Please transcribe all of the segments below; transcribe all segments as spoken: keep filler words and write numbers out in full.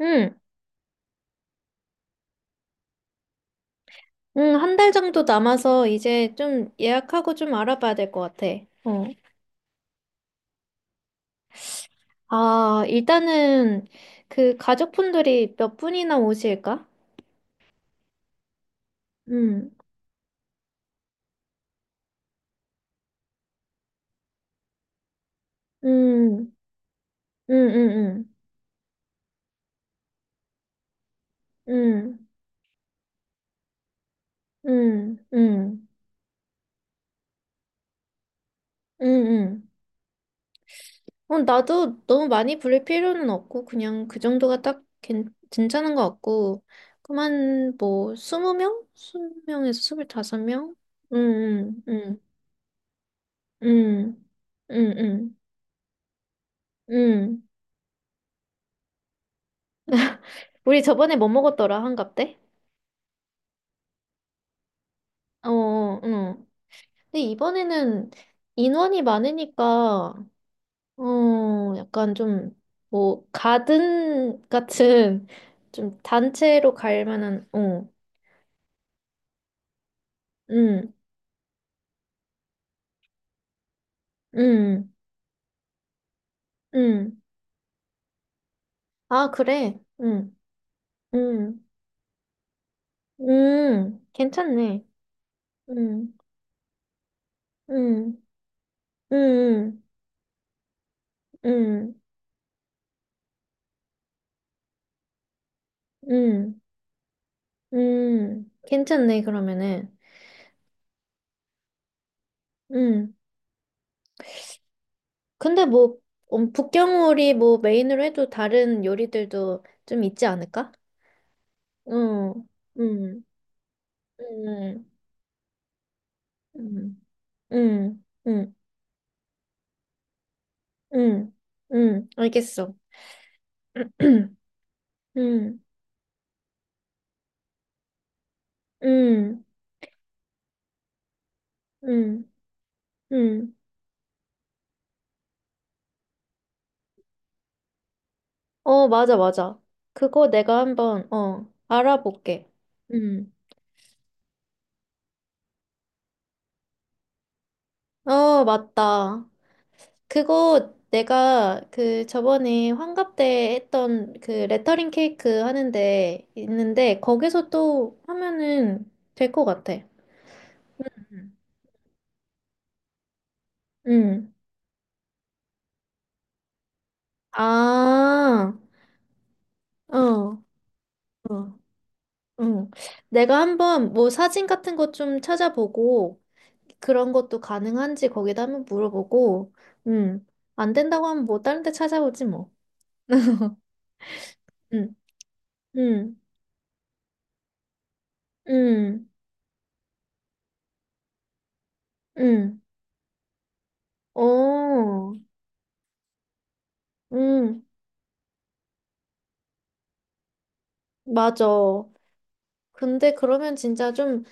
응, 응, 한 달 정도 남아서 이제 좀 예약하고 좀 알아봐야 될 것 같아. 어. 아, 일단은 그 가족분들이 몇 분이나 오실까? 응, 응, 응, 응, 응, 응, 응, 응, 응. 응. 어, 나도 너무 많이 부를 필요는 없고, 그냥 그 정도가 딱 괜, 괜찮은 것 같고, 그만 뭐, 스무 명? 스무 명에서 스물다섯 명? 응, 응, 응, 응, 응, 응. 음. 우리 저번에 뭐 먹었더라, 한갑 때? 어, 어, 응. 근데 이번에는 인원이 많으니까, 어, 약간 좀, 뭐, 가든 같은, 좀 단체로 갈 만한, 어, 응, 응, 응. 아, 그래? 응, 응, 응. 괜찮네. 응, 응, 응, 응, 응, 응. 응. 괜찮네, 그러면은. 응. 근데 뭐 음, 북경오리 뭐 메인으로 해도 다른 요리들도 좀 있지 않을까? 응, 응, 응, 응, 응, 응, 응, 응, 응, 알겠어. 응, 응, 응, 응. 어, 맞아, 맞아. 그거 내가 한번 어 알아볼게. 응. 어, 맞다. 그거 내가 그 저번에 환갑 때 했던 그 레터링 케이크 하는데 있는데 거기서 또 하면은 될 것 같아. 음. 응. 아, 어, 어, 응. 내가 한번 뭐 사진 같은 거 좀 찾아보고 그런 것도 가능한지 거기다 한번 물어보고, 응. 안 된다고 하면 뭐 다른 데 찾아보지 뭐. 응, 응, 응, 응. 어, 응, 맞아. 근데 그러면 진짜 좀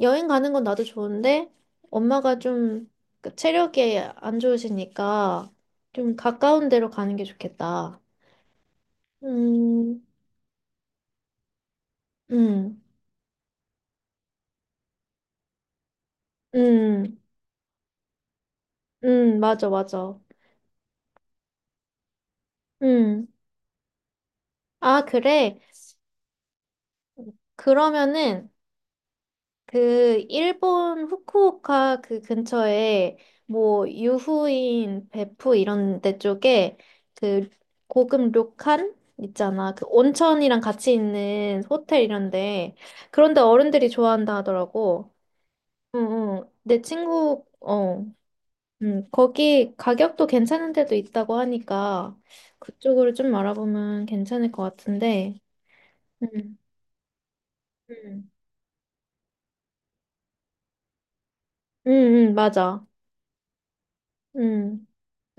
여행 가는 건 나도 좋은데 엄마가 좀그 체력이 안 좋으시니까 좀 가까운 데로 가는 게 좋겠다. 음, 음, 음, 음, 맞아, 맞아. 음. 아, 그래? 그러면은 그 일본 후쿠오카 그 근처에 뭐 유후인 베푸 이런 데 쪽에 그 고급 료칸 있잖아. 그 온천이랑 같이 있는 호텔 이런데 그런데 어른들이 좋아한다 하더라고. 응응. 내 친구 어. 음, 거기 가격도 괜찮은 데도 있다고 하니까 그쪽으로 좀 알아보면 괜찮을 것 같은데. 음. 음. 음, 음, 맞아. 음.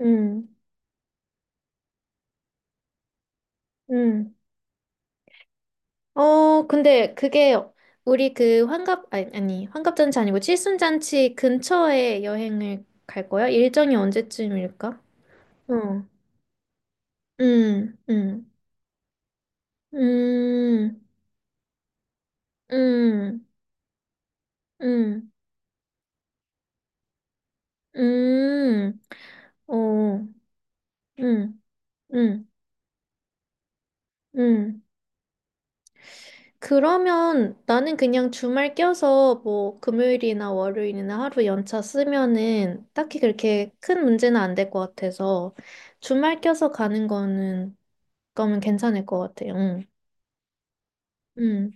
음. 음. 어, 근데 그게 우리 그 환갑, 아니, 아니, 환갑잔치 아니고 칠순잔치 근처에 여행을 갈 거야? 일정이 언제쯤일까? 어, 음, 음, 음, 음, 음, 음, 어, 음, 음, 음. 그러면 나는 그냥 주말 껴서 뭐 금요일이나 월요일이나 하루 연차 쓰면은 딱히 그렇게 큰 문제는 안 될 것 같아서 주말 껴서 가는 거는 그러면 괜찮을 것 같아요. 응. 응.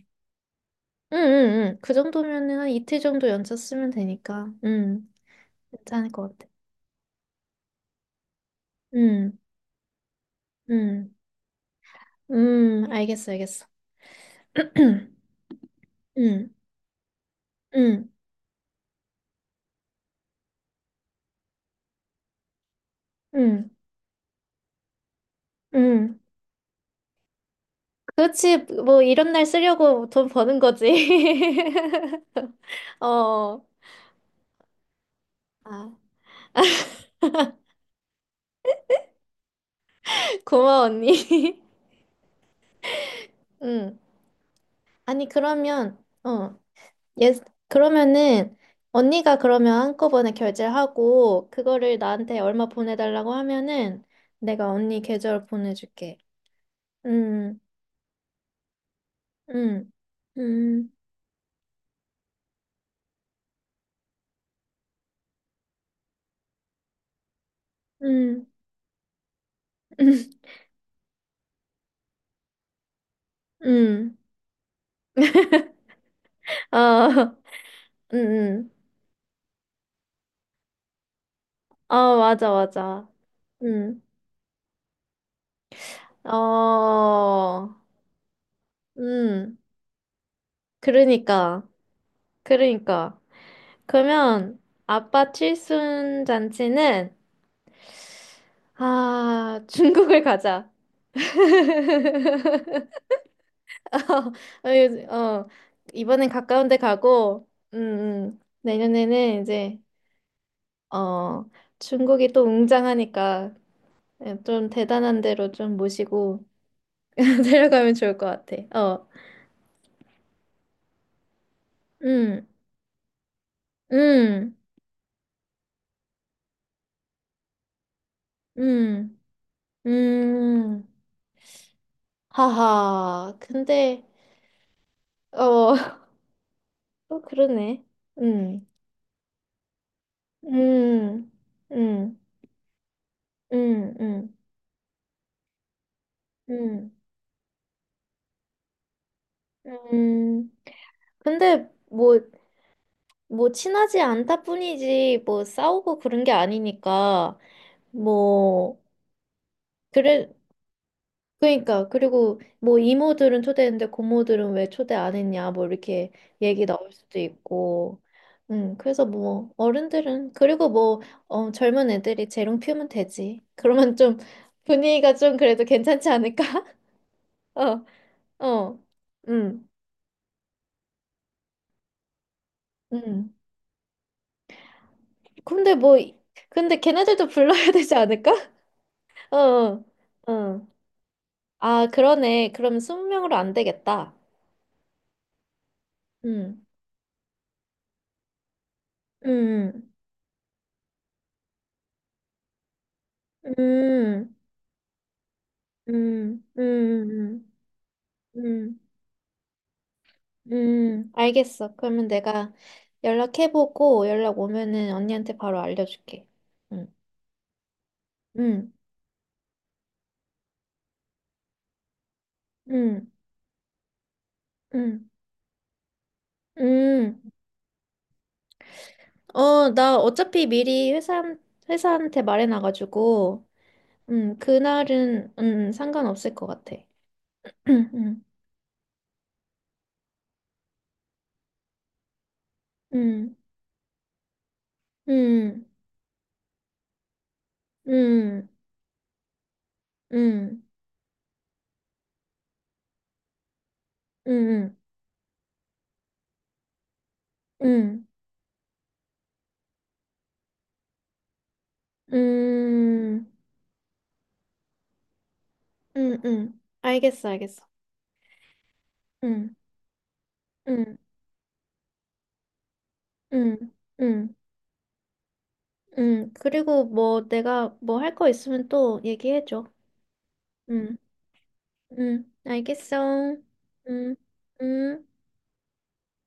응, 응, 응. 그 정도면은 한 이틀 정도 연차 쓰면 되니까. 응. 괜찮을 것 같아. 응. 응. 음, 알겠어, 알겠어. 응. 응. 응. 응. 그렇지, 뭐, 이런 날 쓰려고 돈 버는 거지. 어, 아, 고마워, 언니. 응. 아니, 그러면, 어, 예, 그러면은, 언니가 그러면 한꺼번에 결제를 하고, 그거를 나한테 얼마 보내달라고 하면은, 내가 언니 계좌로 보내줄게. 응, 응, 응, 응, 응, 응, 어, 응, 응. 어, 맞아, 맞아. 응. 어, 음, 그러니까, 그러니까. 그러면 아빠 칠순 잔치는, 아, 중국을 가자. 어, 요- 어, 이번엔 가까운 데 가고, 음, 음, 내년에는 이제, 어, 중국이 또 웅장하니까 예, 좀 대단한 데로 좀 모시고 데려가면 좋을 것 같아. 어, 음, 음, 음, 음. 하하, 근데, 어, 어, 그러네. 음, 음, 음, 음, 음, 음, 음. 근데 뭐, 뭐 친하지 않다 뿐이지 뭐 싸우고 그런 게 아니니까 뭐 그래 그러니까 그리고 뭐 이모들은 초대했는데 고모들은 왜 초대 안 했냐 뭐 이렇게 얘기 나올 수도 있고 음 그래서 뭐 어른들은 그리고 뭐 어, 젊은 애들이 재롱 피우면 되지 그러면 좀 분위기가 좀 그래도 괜찮지 않을까 어어음음 근데 뭐 이- 근데 걔네들도 불러야 되지 않을까 어어아 그러네 그럼 이십 명으로 안 되겠다 음 음, 음. 음, 음, 음, 음, 음, 음. 알겠어. 그러면 내가 연락해보고 연락 오면은 언니한테 바로 알려줄게. 응, 응, 응, 응, 응. 어, 나 어차피 미리 회사, 회사한테 말해놔가지고, 음, 그날은, 음, 상관없을 것 같아. 응, 응, 응, 응, 응, 응, 응, 응, 응, 응, 응, 알겠어, 알겠어. 응, 응. 응, 응, 응. 그리고 뭐 내가 뭐 할 거 있으면 또 얘기해줘. 응, 응. 알겠어. 응, 응.